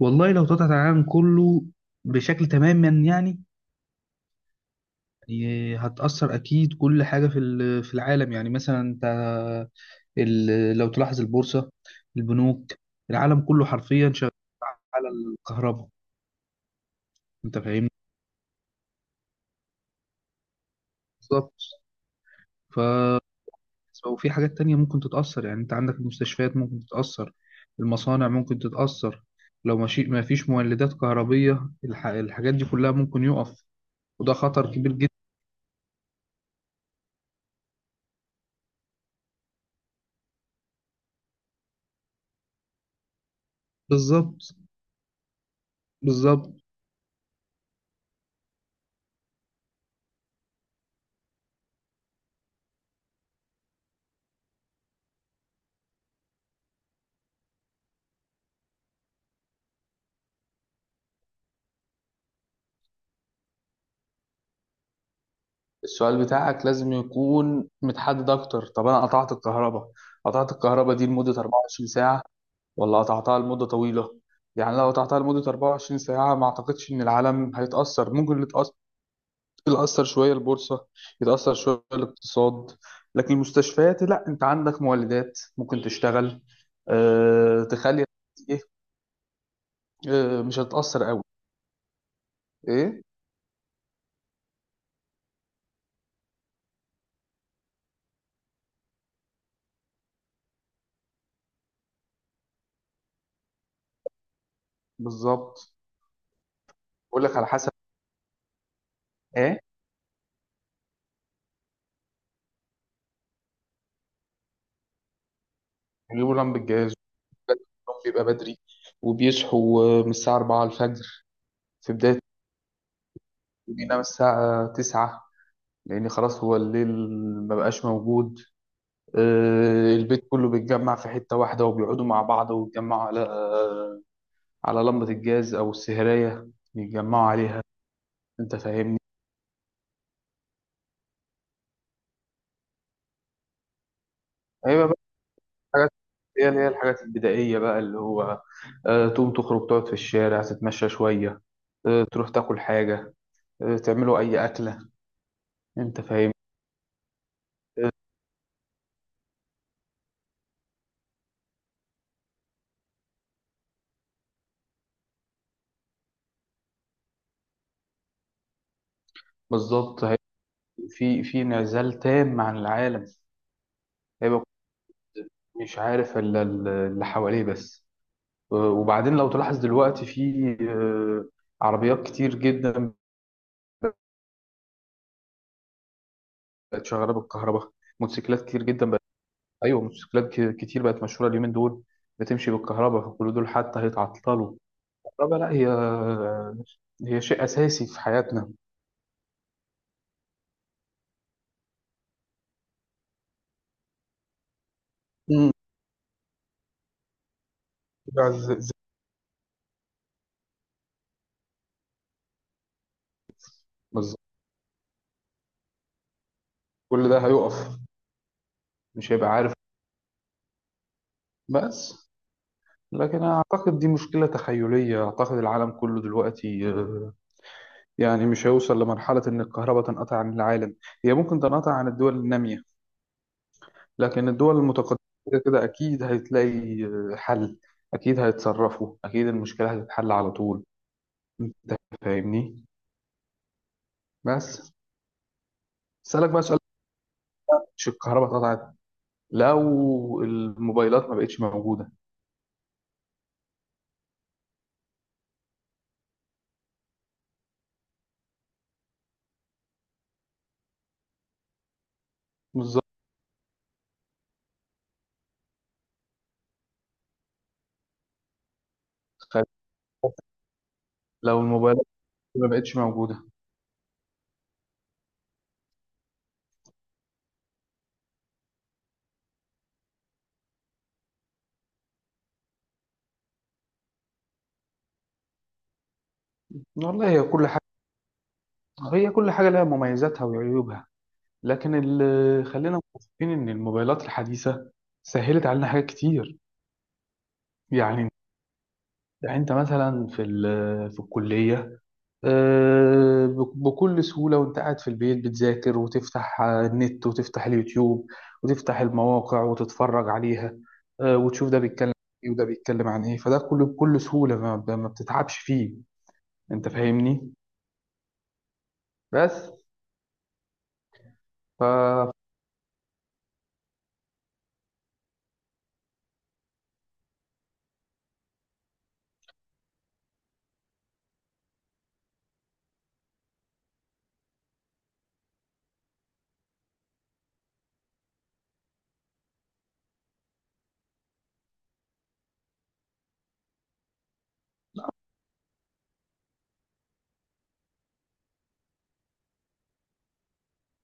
والله لو تقطع العالم كله بشكل تماما، يعني هتأثر أكيد. كل حاجة في في العالم، يعني مثلا أنت لو تلاحظ البورصة، البنوك، العالم كله حرفيا شغال على الكهرباء. أنت فاهمني؟ بالظبط. ف وفي حاجات تانية ممكن تتأثر، يعني أنت عندك المستشفيات ممكن تتأثر، المصانع ممكن تتأثر. لو ماشي ما فيش مولدات كهربية، الحاجات دي كلها ممكن يقف. وده خطر كبير جدا. بالظبط، بالظبط. السؤال بتاعك لازم يكون متحدد اكتر. طب انا قطعت الكهرباء دي لمدة 24 ساعة، ولا قطعتها لمدة طويلة؟ يعني لو قطعتها لمدة 24 ساعة ما اعتقدش ان العالم هيتأثر. ممكن اللي يتأثر، اللي يأثر شوية البورصة، يتأثر شوية الاقتصاد. لكن المستشفيات لا، انت عندك مولدات ممكن تشتغل. أه، تخلي، ايه. أه، مش هتتأثر قوي. ايه. بالظبط. بقول لك على حسب. ايه. هيجيبوا لهم بالجهاز. النوم بيبقى بدري، وبيصحوا من الساعة 4 الفجر. في بداية، بينام الساعة 9، لأن خلاص هو الليل ما بقاش موجود. آه، البيت كله بيتجمع في حتة واحدة وبيقعدوا مع بعض ويتجمعوا على، آه، على لمبة الجاز أو السهرية. بيتجمعوا عليها. أنت فاهمني؟ هيبقى بقى الحاجات، هي اللي الحاجات البدائية بقى اللي هو، آه، تقوم تخرج تقعد في الشارع تتمشى شوية، آه، تروح تاكل حاجة، آه، تعملوا أي أكلة. أنت فاهم؟ آه، بالظبط. في انعزال تام عن العالم. هيبقى مش عارف الا اللي حواليه بس. وبعدين لو تلاحظ دلوقتي في، آه، عربيات كتير جدا بقت شغاله بالكهرباء. موتوسيكلات كتير جدا بقت. ايوه، موتوسيكلات كتير بقت مشهوره اليومين دول، بتمشي بالكهرباء، فكل دول حتى هيتعطلوا. الكهرباء لا، هي شيء اساسي في حياتنا. مم. بالظبط. كل ده هيقف. مش هيبقى عارف. بس لكن أنا أعتقد دي مشكلة تخيلية. أعتقد العالم كله دلوقتي، آه، يعني مش هيوصل لمرحلة إن الكهرباء تنقطع عن العالم. هي ممكن تنقطع عن الدول النامية، لكن الدول المتقدمة كده كده أكيد هتلاقي، آه، حل. أكيد هيتصرفوا، أكيد المشكلة هتتحل على طول. أنت فاهمني؟ بس أسألك بقى سؤال. مش الكهرباء اتقطعت، لو الموبايلات ما بقتش موجودة. بالظبط. تخيل لو الموبايلات ما بقتش موجودة. والله، هي كل حاجة لها مميزاتها وعيوبها. لكن خلينا متفقين ان الموبايلات الحديثه سهلت علينا حاجات كتير. يعني يعني انت مثلا في في الكليه، آه، بكل سهوله وانت قاعد في البيت بتذاكر وتفتح، آه، النت وتفتح اليوتيوب وتفتح المواقع وتتفرج عليها، آه، وتشوف ده بيتكلم ايه وده بيتكلم عن ايه. فده كله بكل سهوله، ما بتتعبش فيه. انت فاهمني؟ بس. ف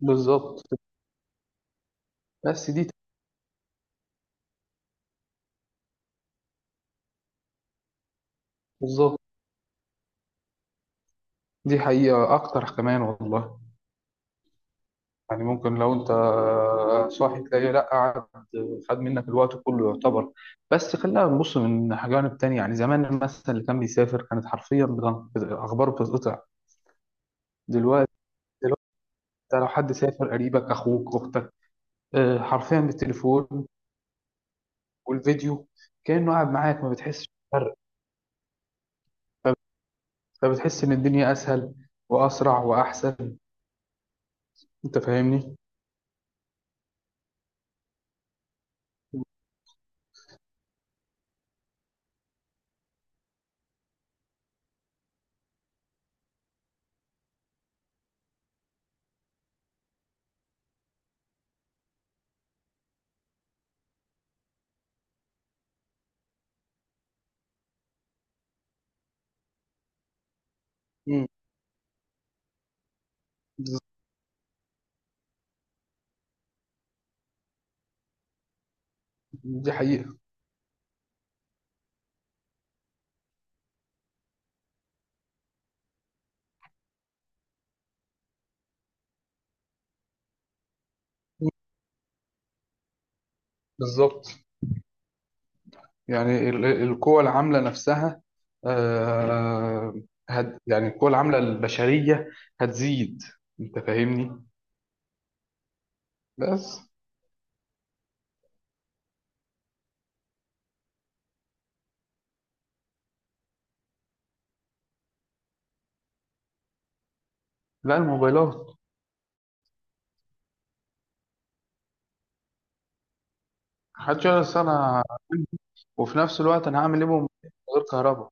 بالظبط. بس دي. بالظبط، دي حقيقه اكتر كمان والله. يعني ممكن لو انت صاحي تلاقيه لا قعد، خد منك الوقت كله يعتبر. بس خلينا نبص من جانب تاني. يعني زمان مثلا اللي كان بيسافر كانت حرفيا اخباره بتتقطع. دلوقتي دلوقتي انت لو حد سافر قريبك اخوك اختك، آه، حرفيا بالتليفون والفيديو كأنه قاعد معاك، ما بتحسش بفرق. فب- فبتحس ان الدنيا اسهل واسرع واحسن. انت فاهمني؟ مم. بز- دي حقيقة. مم. بالظبط. يعني القوى العاملة نفسها، آه، يعني القوى العاملة البشرية هتزيد. انت فاهمني؟ بس. لا، الموبايلات. محدش يعرف انا، وفي نفس الوقت انا هعمل ايه بهم من غير كهرباء؟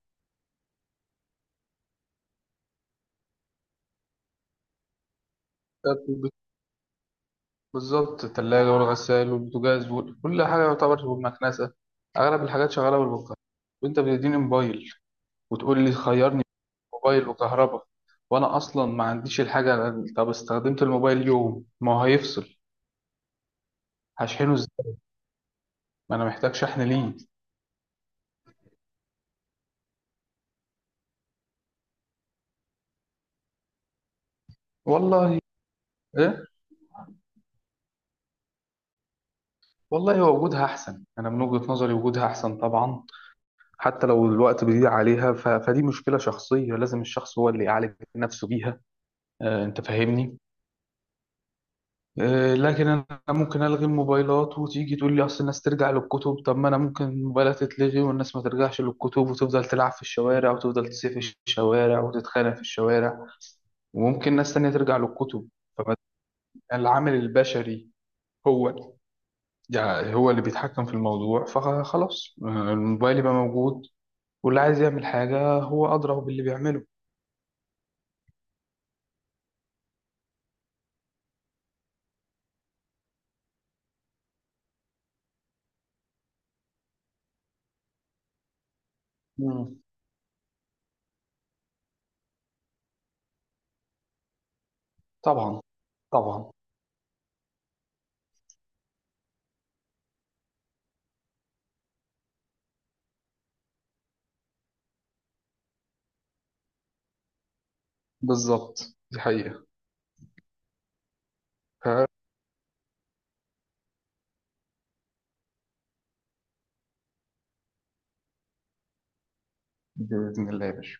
بالظبط. الثلاجة والغسال والبوتاجاز وكل حاجة يعتبر، والمكنسة. اغلب الحاجات شغالة بالكهرباء. وانت بتديني موبايل وتقول لي خيرني بين موبايل وكهرباء، وانا اصلا ما عنديش الحاجة. طب استخدمت الموبايل، يوم ما هو هيفصل هشحنه ازاي؟ ما انا محتاج شحن ليه. والله. ايه. والله، هو وجودها احسن. انا من وجهة نظري وجودها احسن طبعا. حتى لو الوقت بيضيع عليها، فدي مشكلة شخصية، لازم الشخص هو اللي يعالج نفسه بيها. آه، انت فاهمني. آه، لكن انا ممكن الغي الموبايلات وتيجي تقول لي اصل الناس ترجع للكتب. طب ما انا ممكن الموبايلات تتلغي والناس ما ترجعش للكتب، وتفضل تلعب في الشوارع وتفضل تسيح في الشوارع وتتخانق في الشوارع. وممكن ناس تانية ترجع للكتب. فالعامل البشري هو، يعني هو اللي بيتحكم في الموضوع. فخلاص، آه، الموبايل يبقى موجود، واللي عايز يعمل حاجة هو أدرى باللي بيعمله. مم. طبعا. طبعا. بالظبط، دي حقيقة. ف- بإذن الله يا باشا.